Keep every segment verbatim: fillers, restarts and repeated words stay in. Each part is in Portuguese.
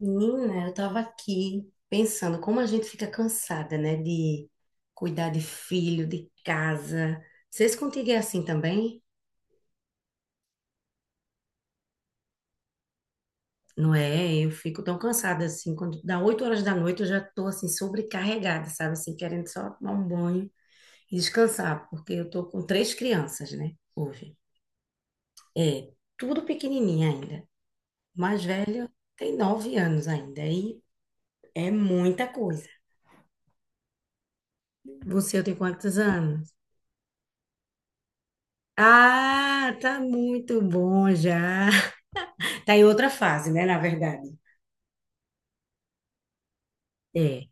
Menina, eu tava aqui pensando como a gente fica cansada, né, de cuidar de filho, de casa. Vocês contigo é assim também? Não é? Eu fico tão cansada assim, quando dá oito horas da noite eu já tô assim sobrecarregada, sabe? Assim, querendo só tomar um banho e descansar, porque eu tô com três crianças, né, hoje. É, tudo pequenininha ainda. O mais velho tem nove anos ainda, e é muita coisa. Você tem quantos anos? Ah, tá muito bom já. Tá em outra fase, né, na verdade. É.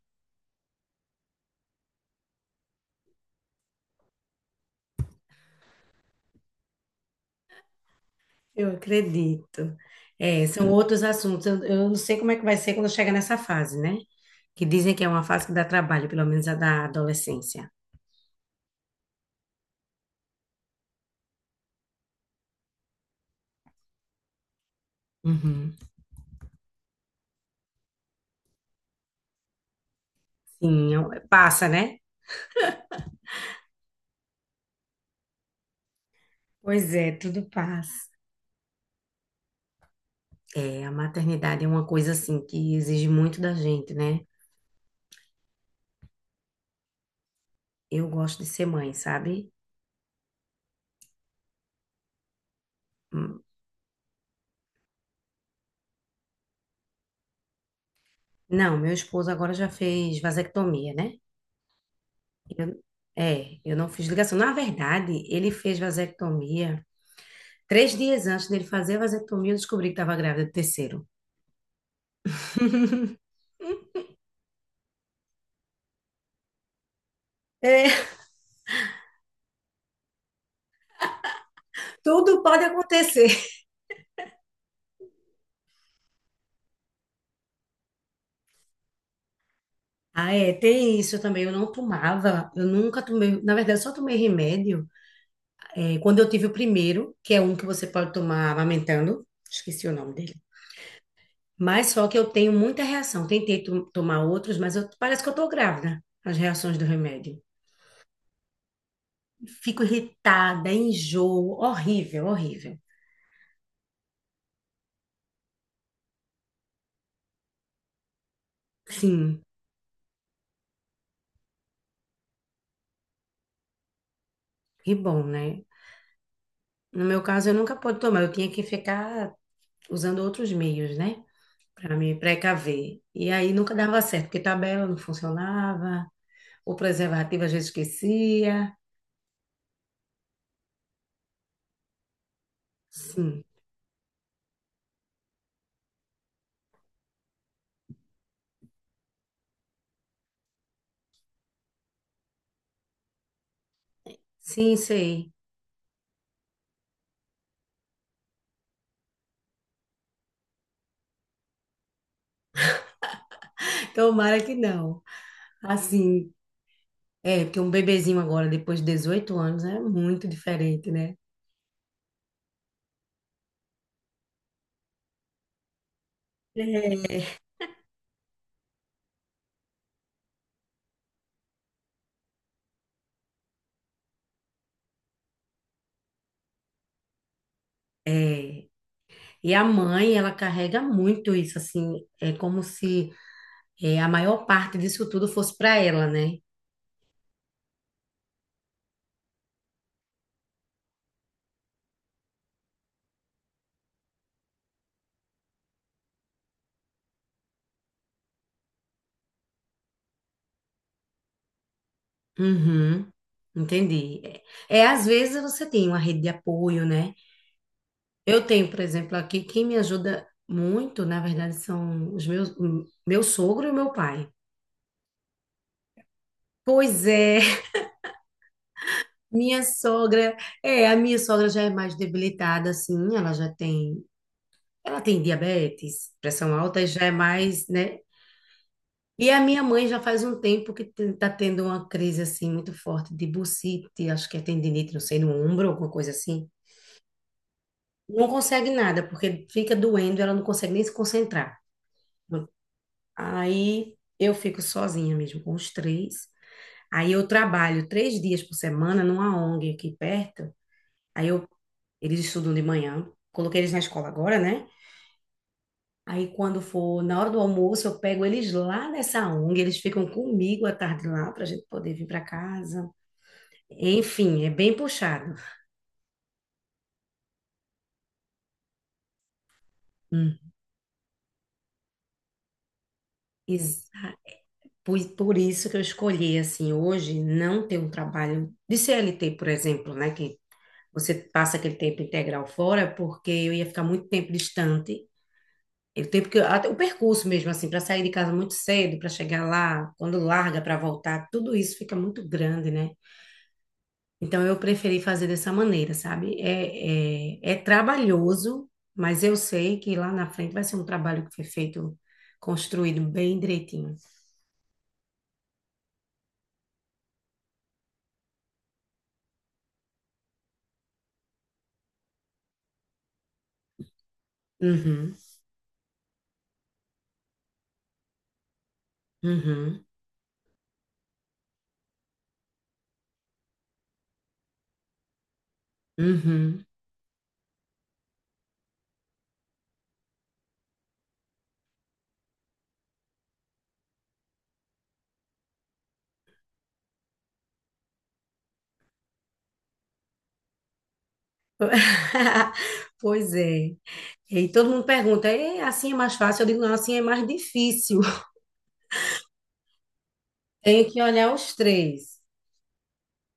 Eu acredito. É, são outros assuntos. Eu, eu não sei como é que vai ser quando chega nessa fase, né? Que dizem que é uma fase que dá trabalho, pelo menos a da adolescência. Uhum. Sim, é um, passa, né? Pois é, tudo passa. É, a maternidade é uma coisa assim que exige muito da gente, né? Eu gosto de ser mãe, sabe? Hum. Não, meu esposo agora já fez vasectomia, né? Eu- é, eu não fiz ligação. Na verdade, ele fez vasectomia. Três dias antes dele fazer a vasectomia, eu descobri que estava grávida do terceiro. É, tudo pode acontecer. Ah, é, tem isso também. Eu não tomava, eu nunca tomei. Na verdade, eu só tomei remédio é, quando eu tive o primeiro, que é um que você pode tomar amamentando. Esqueci o nome dele. Mas só que eu tenho muita reação. Tentei to- tomar outros, mas eu- parece que eu tô grávida. As reações do remédio. Fico irritada, enjoo, horrível, horrível. Sim, que bom, né? No meu caso, eu nunca pude tomar, eu tinha que ficar usando outros meios, né? Para me precaver. E aí nunca dava certo, porque tabela não funcionava, o preservativo às vezes esquecia. Sim, sim, sei. Tomara que não. Assim, é, porque um bebezinho agora, depois de dezoito anos, é muito diferente, né? É, é. E a mãe, ela carrega muito isso, assim, é como se é, a maior parte disso tudo fosse para ela, né? Uhum, entendi. É, é, às vezes você tem uma rede de apoio, né? Eu tenho, por exemplo, aqui, quem me ajuda muito, na verdade, são os meus, meu sogro e meu pai. Pois é, minha sogra, é, a minha sogra já é mais debilitada, assim, ela já tem, ela tem diabetes, pressão alta, e já é mais, né? E a minha mãe já faz um tempo que te- tá tendo uma crise, assim, muito forte de bursite, acho que é tendinite, não sei, no ombro, alguma coisa assim. Não consegue nada, porque fica doendo, ela não consegue nem se concentrar. Aí eu fico sozinha mesmo, com os três. Aí eu trabalho três dias por semana numa ONG aqui perto. Aí eu, Eles estudam de manhã, coloquei eles na escola agora, né? Aí quando for na hora do almoço, eu pego eles lá nessa ONG, eles ficam comigo à tarde lá para a gente poder vir para casa. Enfim, é bem puxado. Hum. Por, por isso que eu escolhi, assim, hoje não ter um trabalho de C L T, por exemplo, né? Que você passa aquele tempo integral fora, porque eu ia ficar muito tempo distante. E o tempo que eu- até o percurso mesmo, assim, para sair de casa muito cedo, para chegar lá, quando larga para voltar, tudo isso fica muito grande, né? Então eu preferi fazer dessa maneira, sabe? É, é, é trabalhoso, mas eu sei que lá na frente vai ser um trabalho que foi feito, construído bem direitinho. Uhum, uhum. Uhum. Pois é. E todo mundo pergunta, "É, assim é mais fácil?" Eu digo, não, assim é mais difícil. Tenho que olhar os três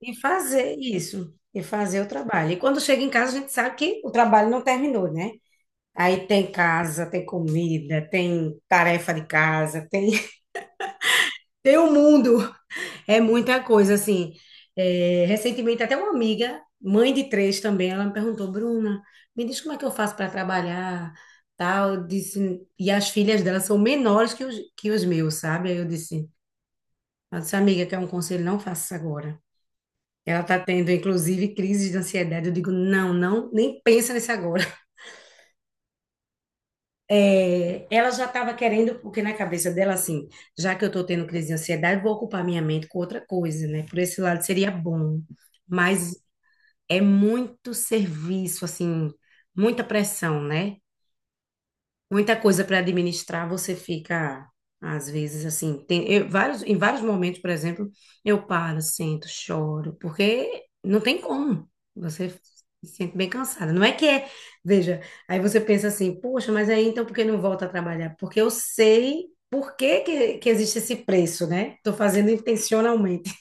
e fazer isso, e fazer o trabalho. E quando chega em casa, a gente sabe que o trabalho não terminou, né? Aí tem casa, tem comida, tem tarefa de casa, tem, tem o mundo. É muita coisa, assim. É, recentemente, até uma amiga, mãe de três também, ela me perguntou, Bruna, me diz como é que eu faço para trabalhar, tal. Eu disse, e as filhas dela são menores que os, que os meus, sabe? Aí eu disse, ela disse, amiga, quer um conselho? Não faça isso agora. Ela está tendo, inclusive, crises de ansiedade. Eu digo, não, não, nem pensa nisso agora. É, ela já estava querendo, porque na cabeça dela, assim, já que eu estou tendo crise de ansiedade, vou ocupar minha mente com outra coisa, né? Por esse lado seria bom. Mas É muito serviço, assim, muita pressão, né? Muita coisa para administrar, você fica, às vezes, assim, tem, eu- vários, em vários momentos, por exemplo, eu paro, sento, choro, porque não tem como. Você se sente bem cansada. Não é que é, veja, aí você pensa assim, poxa, mas aí então por que não volta a trabalhar? Porque eu sei por que que, que existe esse preço, né? Tô fazendo intencionalmente.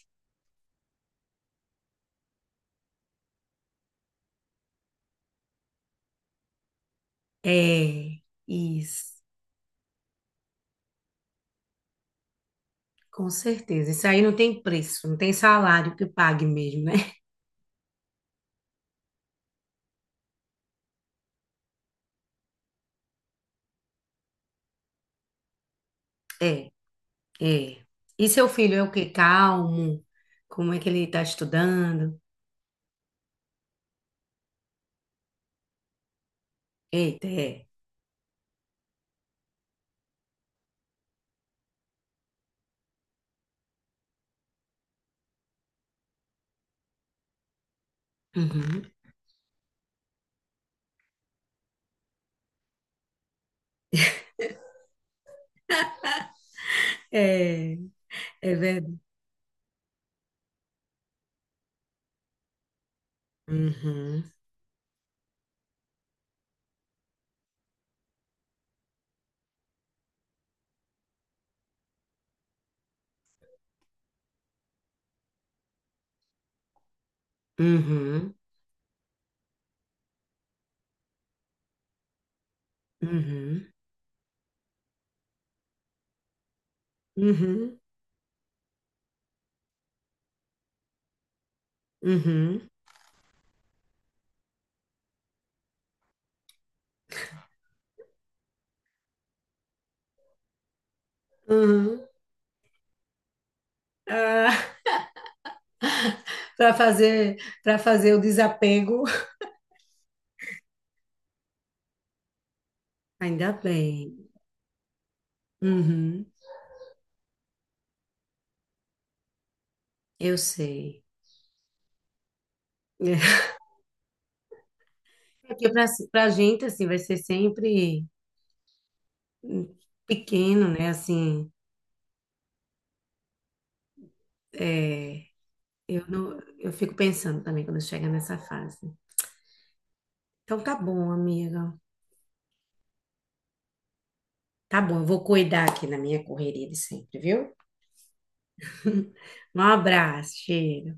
É, isso. Com certeza. Isso aí não tem preço, não tem salário que pague mesmo, né? É, é. E seu filho é o quê? Calmo? Como é que ele está estudando? Eita, é. Uhum. É, é verdade. Uhum. Uhum. Uhum. Uhum. Uhum. Uhum. Ah, para fazer, para fazer o desapego. Ainda bem. Uhum. Eu sei. É. Porque para a gente, assim, vai ser sempre pequeno, né? Assim, é, eu não, eu fico pensando também quando chega nessa fase. Então tá bom, amiga. Tá bom, eu vou cuidar aqui na minha correria de sempre, viu? Um abraço, cheiro.